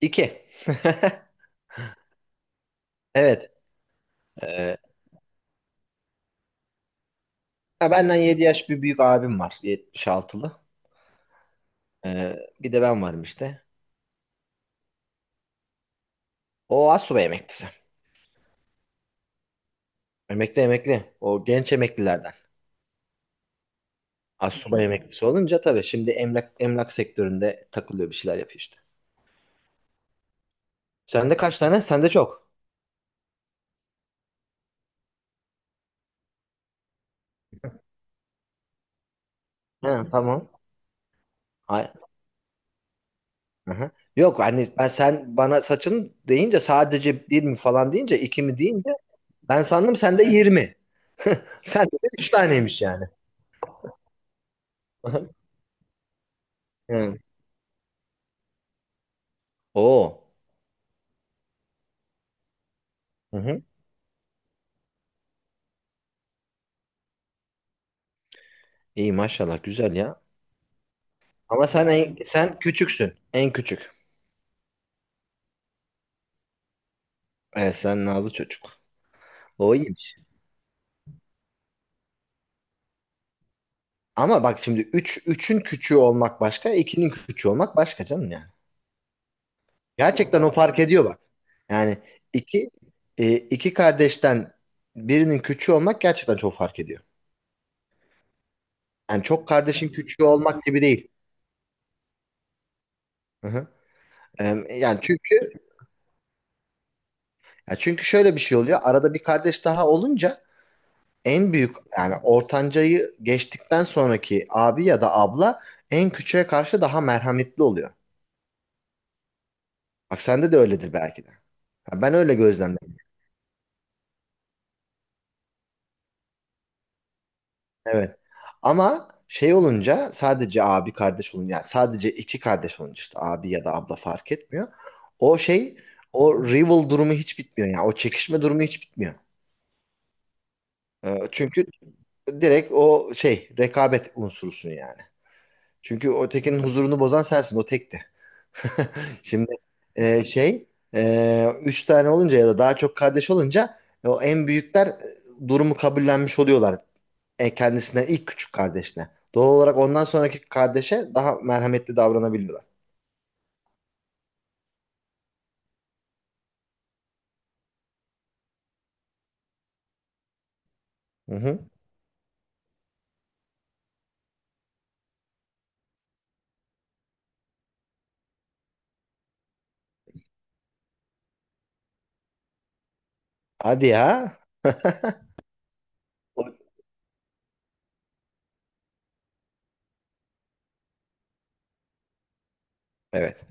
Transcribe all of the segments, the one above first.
İki. Evet. Ee, ha, benden 7 yaş bir büyük abim var. 76'lı. Bir de ben varım işte. O assubay emeklisi. Emekli emekli. O genç emeklilerden. Assubay emeklisi olunca tabii şimdi emlak sektöründe takılıyor, bir şeyler yapıyor işte. Sende kaç tane? Sende çok. Ha, tamam. Ay, aha. Yok hani ben sen bana saçın deyince sadece bir mi falan deyince iki mi deyince ben sandım sende 20. Sende de üç taneymiş yani. Aha. Hı. O. İyi maşallah, güzel ya. Ama sen sen küçüksün. En küçük. Evet, sen nazlı çocuk. O iyiymiş. Ama bak, şimdi üçün küçüğü olmak başka, ikinin küçüğü olmak başka canım yani. Gerçekten o fark ediyor, bak. Yani iki iki kardeşten birinin küçüğü olmak gerçekten çok fark ediyor. Yani çok kardeşin küçüğü olmak gibi değil. Hı hı. Yani çünkü ya çünkü şöyle bir şey oluyor. Arada bir kardeş daha olunca en büyük, yani ortancayı geçtikten sonraki abi ya da abla en küçüğe karşı daha merhametli oluyor. Bak sende de öyledir belki de. Ha, ben öyle gözlemledim. Evet. Ama şey olunca, sadece abi kardeş olunca, yani sadece iki kardeş olunca işte abi ya da abla fark etmiyor. O şey, o rival durumu hiç bitmiyor yani, o çekişme durumu hiç bitmiyor. Çünkü direkt o şey rekabet unsurusun yani. Çünkü o tekinin huzurunu bozan sensin, o tekti. Şimdi şey üç tane olunca ya da daha çok kardeş olunca o en büyükler durumu kabullenmiş oluyorlar. Kendisine, ilk küçük kardeşine. Doğal olarak ondan sonraki kardeşe daha merhametli davranabiliyorlar. Hı hı. Hadi ya. O- Evet.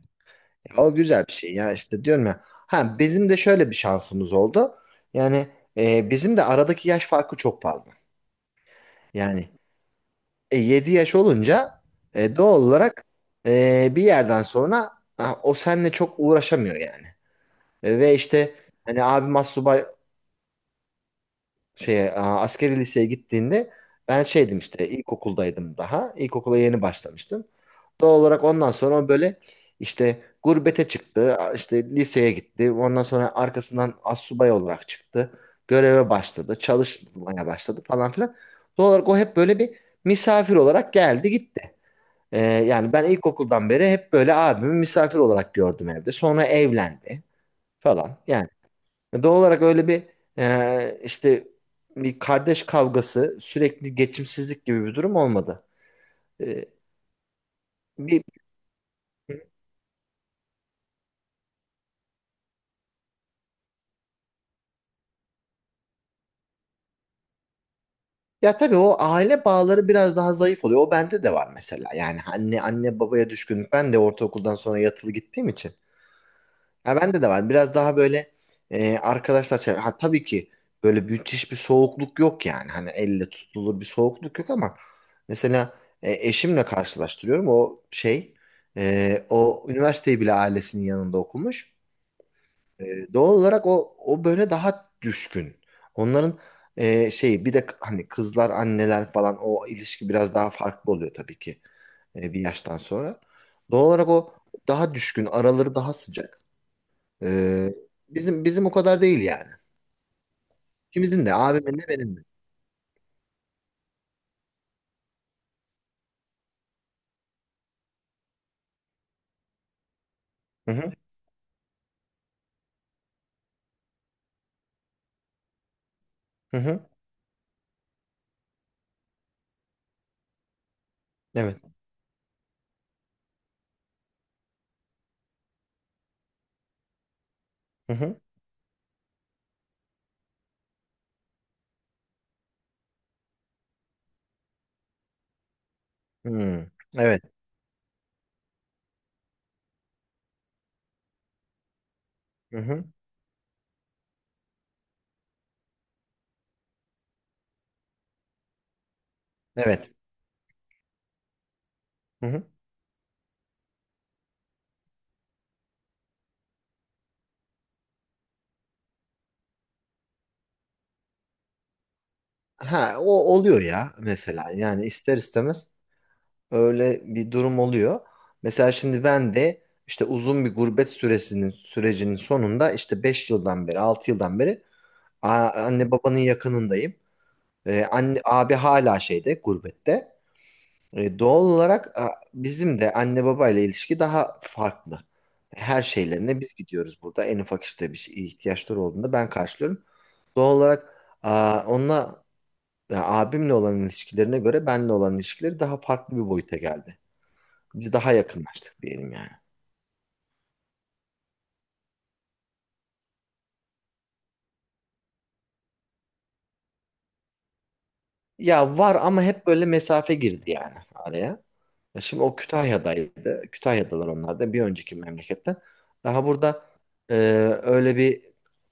Ya o güzel bir şey ya, işte diyorum ya. Ha, bizim de şöyle bir şansımız oldu. Yani bizim de aradaki yaş farkı çok fazla. Yani 7 yaş olunca doğal olarak bir yerden sonra ha, o seninle çok uğraşamıyor yani. Ve işte hani abim astsubay şey askeri liseye gittiğinde ben şeydim işte, ilkokuldaydım daha. İlkokula yeni başlamıştım. Doğal olarak ondan sonra o böyle işte gurbete çıktı, işte liseye gitti. Ondan sonra arkasından astsubay olarak çıktı. Göreve başladı, çalışmaya başladı falan filan. Doğal olarak o hep böyle bir misafir olarak geldi gitti. Yani ben ilkokuldan beri hep böyle abimi misafir olarak gördüm evde. Sonra evlendi falan. Yani doğal olarak öyle bir işte bir kardeş kavgası, sürekli geçimsizlik gibi bir durum olmadı. Ee, bir, ya tabii o aile bağları biraz daha zayıf oluyor. O bende de var mesela. Yani anne babaya düşkünlük. Ben de ortaokuldan sonra yatılı gittiğim için. Ha, bende de var. Biraz daha böyle ha, tabii ki böyle müthiş bir soğukluk yok yani. Hani elle tutulur bir soğukluk yok ama mesela eşimle karşılaştırıyorum. O şey o üniversiteyi bile ailesinin yanında okumuş. Doğal olarak o böyle daha düşkün. Onların şeyi, bir de hani kızlar anneler falan, o ilişki biraz daha farklı oluyor tabii ki bir yaştan sonra. Doğal olarak o daha düşkün, araları daha sıcak. Ee, bizim o kadar değil yani. İkimizin de, abimin de benim de. Hı hı. Hı hı. Evet. Hı hı. Hı. Evet. Hı hı. Evet. Hı hı. Ha, o oluyor ya mesela, yani ister istemez öyle bir durum oluyor. Mesela şimdi ben de işte uzun bir gurbet süresinin sürecinin sonunda, işte 5 yıldan beri 6 yıldan beri anne babanın yakınındayım. Anne abi hala şeyde, gurbette. Doğal olarak bizim de anne babayla ilişki daha farklı. Her şeylerine biz gidiyoruz burada. En ufak işte bir şey, ihtiyaçları olduğunda ben karşılıyorum. Doğal olarak onunla, ya, abimle olan ilişkilerine göre benle olan ilişkileri daha farklı bir boyuta geldi. Biz daha yakınlaştık diyelim yani. Ya var, ama hep böyle mesafe girdi yani araya. Şimdi o Kütahya'daydı. Kütahya'dalar onlar da bir önceki memleketten. Daha burada e, öyle bir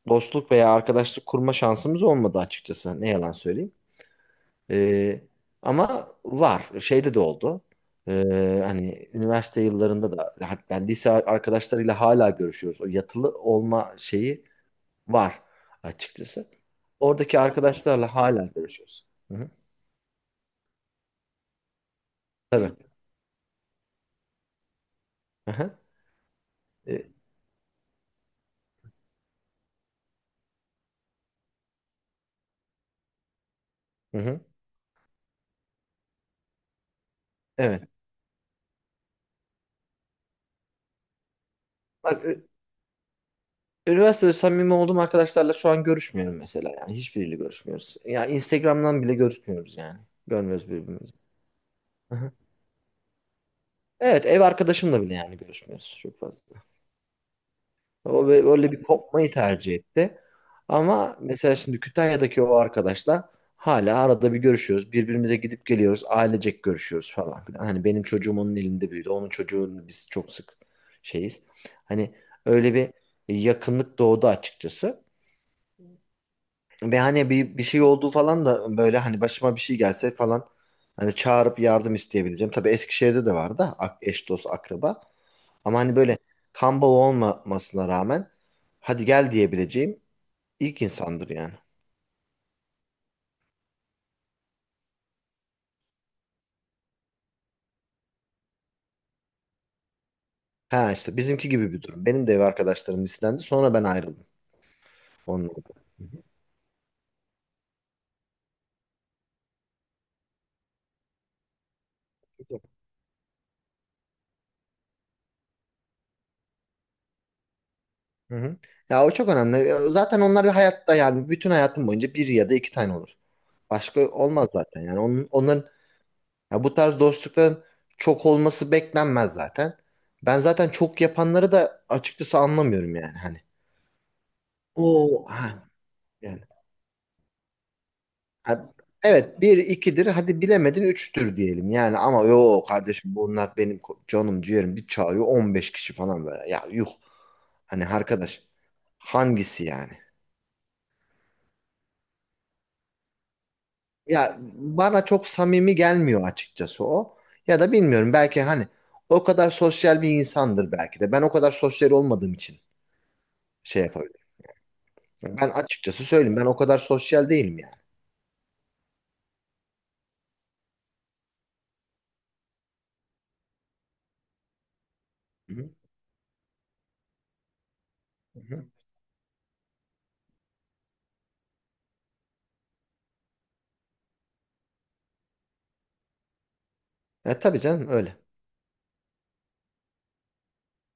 dostluk veya arkadaşlık kurma şansımız olmadı açıkçası. Ne yalan söyleyeyim. E, ama var. Şeyde de oldu. E, hani üniversite yıllarında da, hatta lise arkadaşlarıyla hala görüşüyoruz. O yatılı olma şeyi var açıkçası. Oradaki arkadaşlarla hala görüşüyoruz. Hı hı. Tabii. Hı hı. E, hı hı. Evet. Bak, üniversitede samimi olduğum arkadaşlarla şu an görüşmüyorum mesela yani. Hiçbiriyle görüşmüyoruz. Ya Instagram'dan bile görüşmüyoruz yani. Görmüyoruz birbirimizi. Aha. Evet, ev arkadaşımla bile yani görüşmüyoruz çok fazla. O böyle bir kopmayı tercih etti. Ama mesela şimdi Kütahya'daki o arkadaşla hala arada bir görüşüyoruz. Birbirimize gidip geliyoruz. Ailecek görüşüyoruz falan filan. Hani benim çocuğum onun elinde büyüdü. Onun çocuğunu biz çok sık şeyiz. Hani öyle bir yakınlık doğdu açıkçası. Ve hani bir şey olduğu falan da, böyle hani başıma bir şey gelse falan, hani çağırıp yardım isteyebileceğim. Tabii Eskişehir'de de vardı eş dost akraba. Ama hani böyle, kan bağı olmamasına rağmen hadi gel diyebileceğim ilk insandır yani. Ha işte bizimki gibi bir durum. Benim de ev arkadaşlarım listendi, sonra ben ayrıldım onlardan. Hı hı. Ya o çok önemli. Zaten onlar bir hayatta, yani bütün hayatım boyunca bir ya da iki tane olur. Başka olmaz zaten yani. Onun, onların. Ya bu tarz dostlukların çok olması beklenmez zaten. Ben zaten çok yapanları da açıkçası anlamıyorum yani hani. O ha, yani. Ha, evet, bir ikidir, hadi bilemedin üçtür diyelim yani, ama yo kardeşim, bunlar benim canım ciğerim, bir çağırıyor 15 kişi falan, böyle ya, yuh, hani arkadaş hangisi yani? Ya bana çok samimi gelmiyor açıkçası o, ya da bilmiyorum, belki hani o kadar sosyal bir insandır, belki de ben o kadar sosyal olmadığım için şey yapabilirim. Ben açıkçası söyleyeyim, ben o kadar sosyal değilim yani. Hı hı. Hı hı. Tabii canım, öyle.